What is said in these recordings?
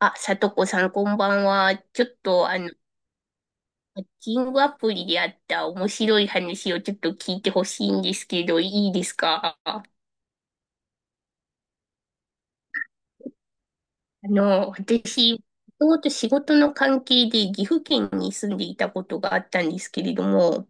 あ、さとこさん、こんばんは。ちょっと、あの、マッチングアプリであった面白い話をちょっと聞いてほしいんですけど、いいですか？私、もともと仕事の関係で岐阜県に住んでいたことがあったんですけれども、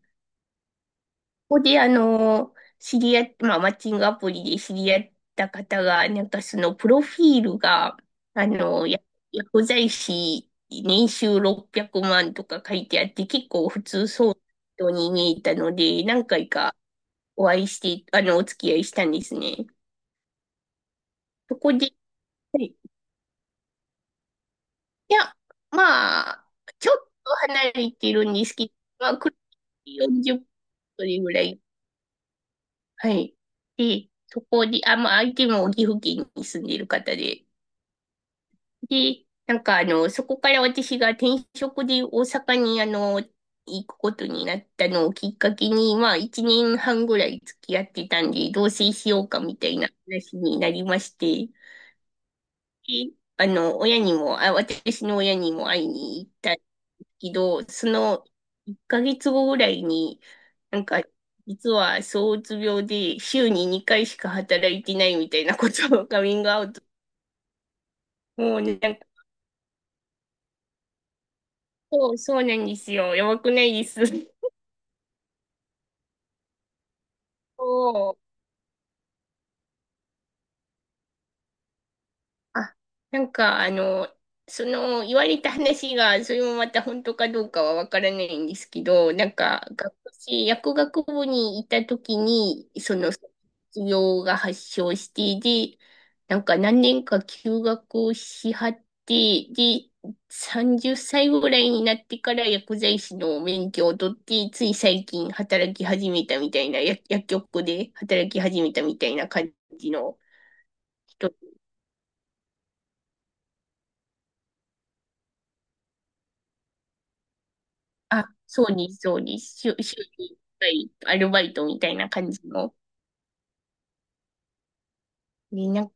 ここで、あの、知り合っ、まあ、マッチングアプリで知り合った方が、プロフィールが、あの、や薬剤師、年収600万とか書いてあって、結構普通そうな人に見えたので、何回かお会いして、お付き合いしたんですね。そこで、はいいや、まあ、ちょっと離れてるんですけど、まあ、車で40分ぐらい。はい。で、そこで、あ、まあ、相手も岐阜県に住んでいる方で。で、そこから私が転職で大阪に行くことになったのをきっかけに、まあ、一年半ぐらい付き合ってたんで、同棲しようかみたいな話になりまして。で、あの、親にも、あ、私の親にも会いに行ったんですけど、その1ヶ月後ぐらいに、なんか、実は躁うつ病で週に2回しか働いてないみたいなことをカミングアウト。もうね、なんか、そうなんですよ。やばくないです？そうあ、なんか、あの、言われた話が、それもまた本当かどうかはわからないんですけど、薬学部にいた時に、卒業が発症して、で、なんか何年か休学をしはって、で、30歳ぐらいになってから薬剤師の免許を取って、つい最近働き始めたみたいな、薬局で働き始めたみたいな感じの人。あ、そうに、そうに、週、週にいっかいアルバイトみたいな感じの。ね、なんか、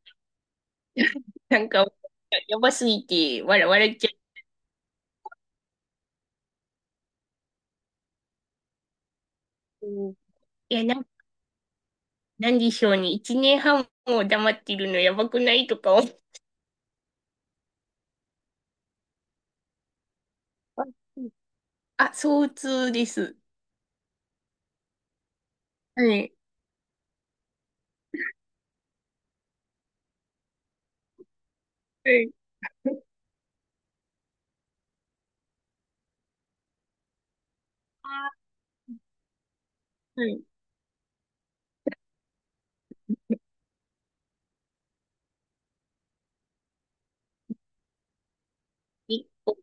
なんか、やばすぎて、笑っちゃう。いや、なん、なんでしょうね。一年半も黙ってるのやばくないとか思う。あ、相通です。はい。はい。はい。結構、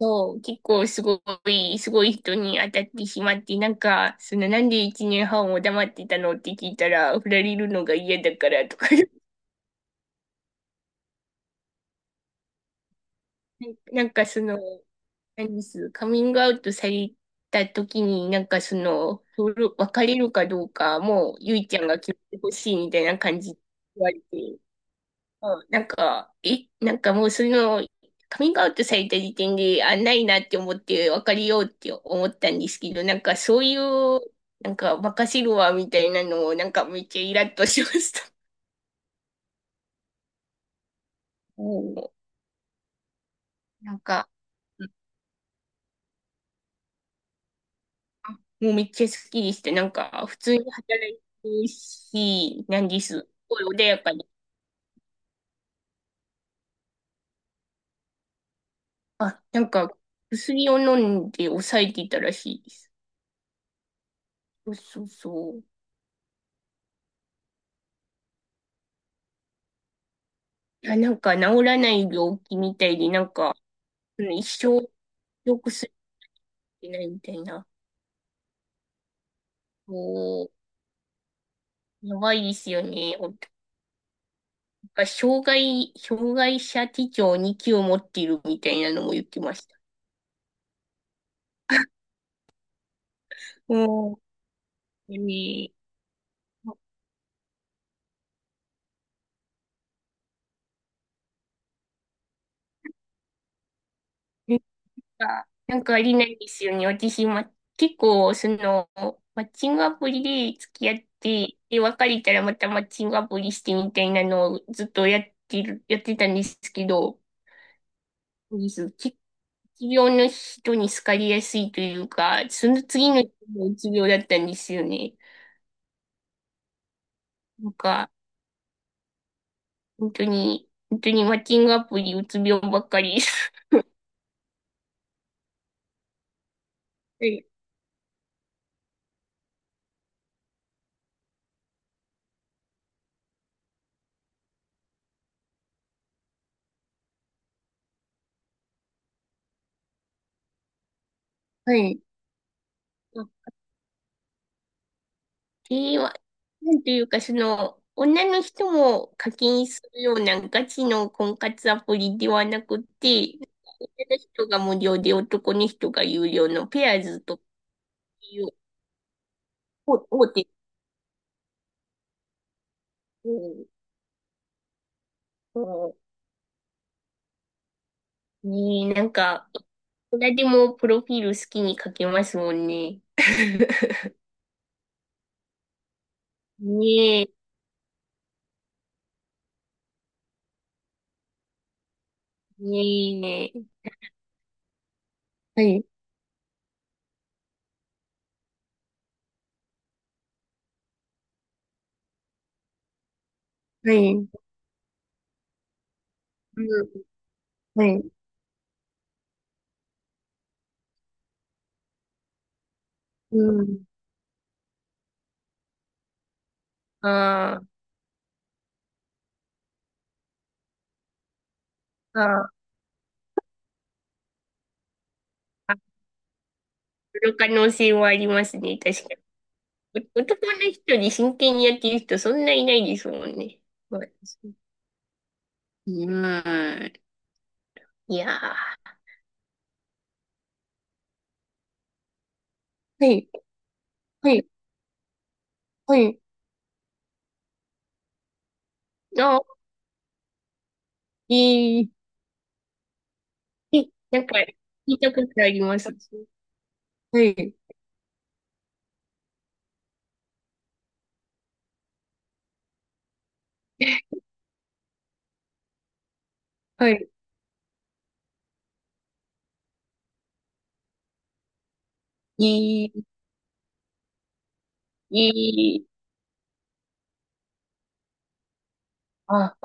そう結構すごい、すごい人に当たってしまって、なんで一年半も黙ってたのって聞いたら、振られるのが嫌だからとか、なんかその、何ですカミングアウトされた時に、それ別れるかどうか、もう、ゆいちゃんが決めてほしいみたいな感じで言われて、うん。なんか、え、なんかもうその、カミングアウトされた時点で、あ、ないなって思って、別れようって思ったんですけど、なんかそういう、なんか、任せるわみたいなのを、なんかめっちゃイラッとしました。うん。なんか、あもうめっちゃ好きでした。普通に働いてるし、なんです。すごい穏やかで。あ、なんか、薬を飲んで抑えていたらしいです。そうそうそう。治らない病気みたいで、うん、一生良くするないみたいな。こやばいですよね。おなんか、障害、障害者手帳に級を持っているみたいなのも言ってました。うん。ねかなんかありないですよね。私、ま、結構、その、マッチングアプリで付き合って、で、別れたらまたマッチングアプリしてみたいなのをずっとやってる、やってたんですけど、です。うつ病の人に好かれやすいというか、その次の人もうつ病だったんですよね。なんか、本当に、本当にマッチングアプリうつ病ばっかり。はい。はい。えー、わなんていうか、その、女の人も課金するようなガチの婚活アプリではなくて、女の人が無料で男の人が有料のペアーズという大手。うんうん。に、なんか、誰でもプロフィール好きに書けますもんね。ねえ、ねえ。はい、はい、うん、はい、うん。ああ、ああ、あ、その可能性はありますね、確かに。お男の人に真剣にやってる人そんないないですもんね。まあ、うん。いやー。はい、はい、はい。あ、いい。え、聞いたことあります。はい、はい。いい、いい。あ、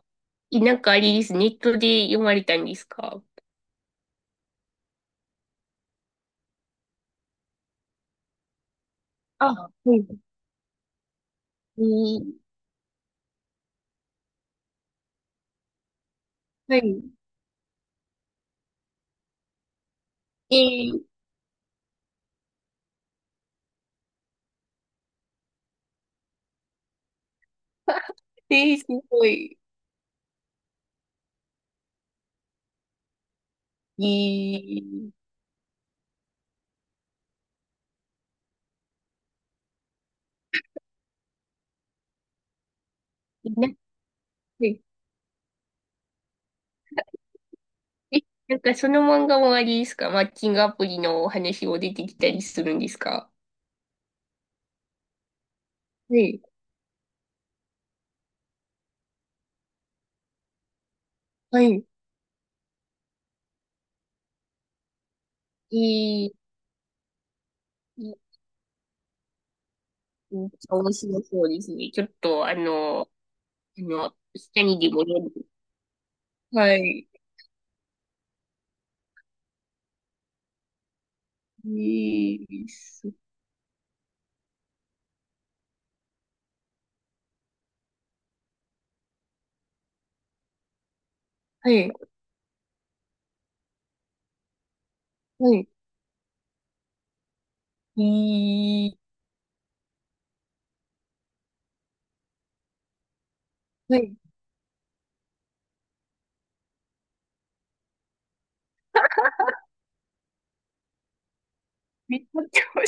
なんかあれです。ネットで読まれたんですか？あ、はい。いい、はい。いい。えー、すごい。いい。なはいえ、なんかその漫画もあれですか、マッチングアプリのお話を出てきたりするんですか？はい。はい。えー、めっちゃ面白そうですね。ちょっと、あの、あの、下にでも読んで。はい。えー、す。はい。はい。えー、はい。めっちゃ面白い。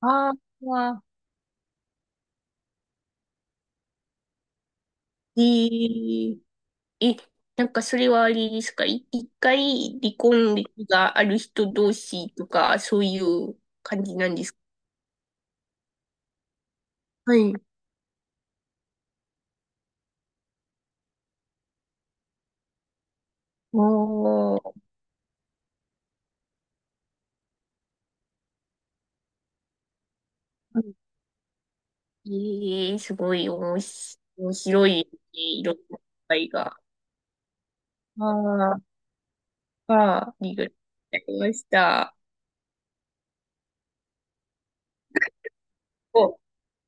ああ、えー、え、なんかそれはあれですか、い、1回離婚歴がある人同士とか、そういう感じなんですか？はい。おー、ええ、すごい面白面白いね、いろんな会が。ああ、ああ、りがとうございました。お、い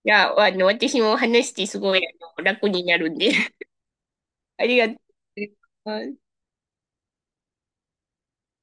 や、あの、私も話してすごい、楽になるんで、ありがとうございます。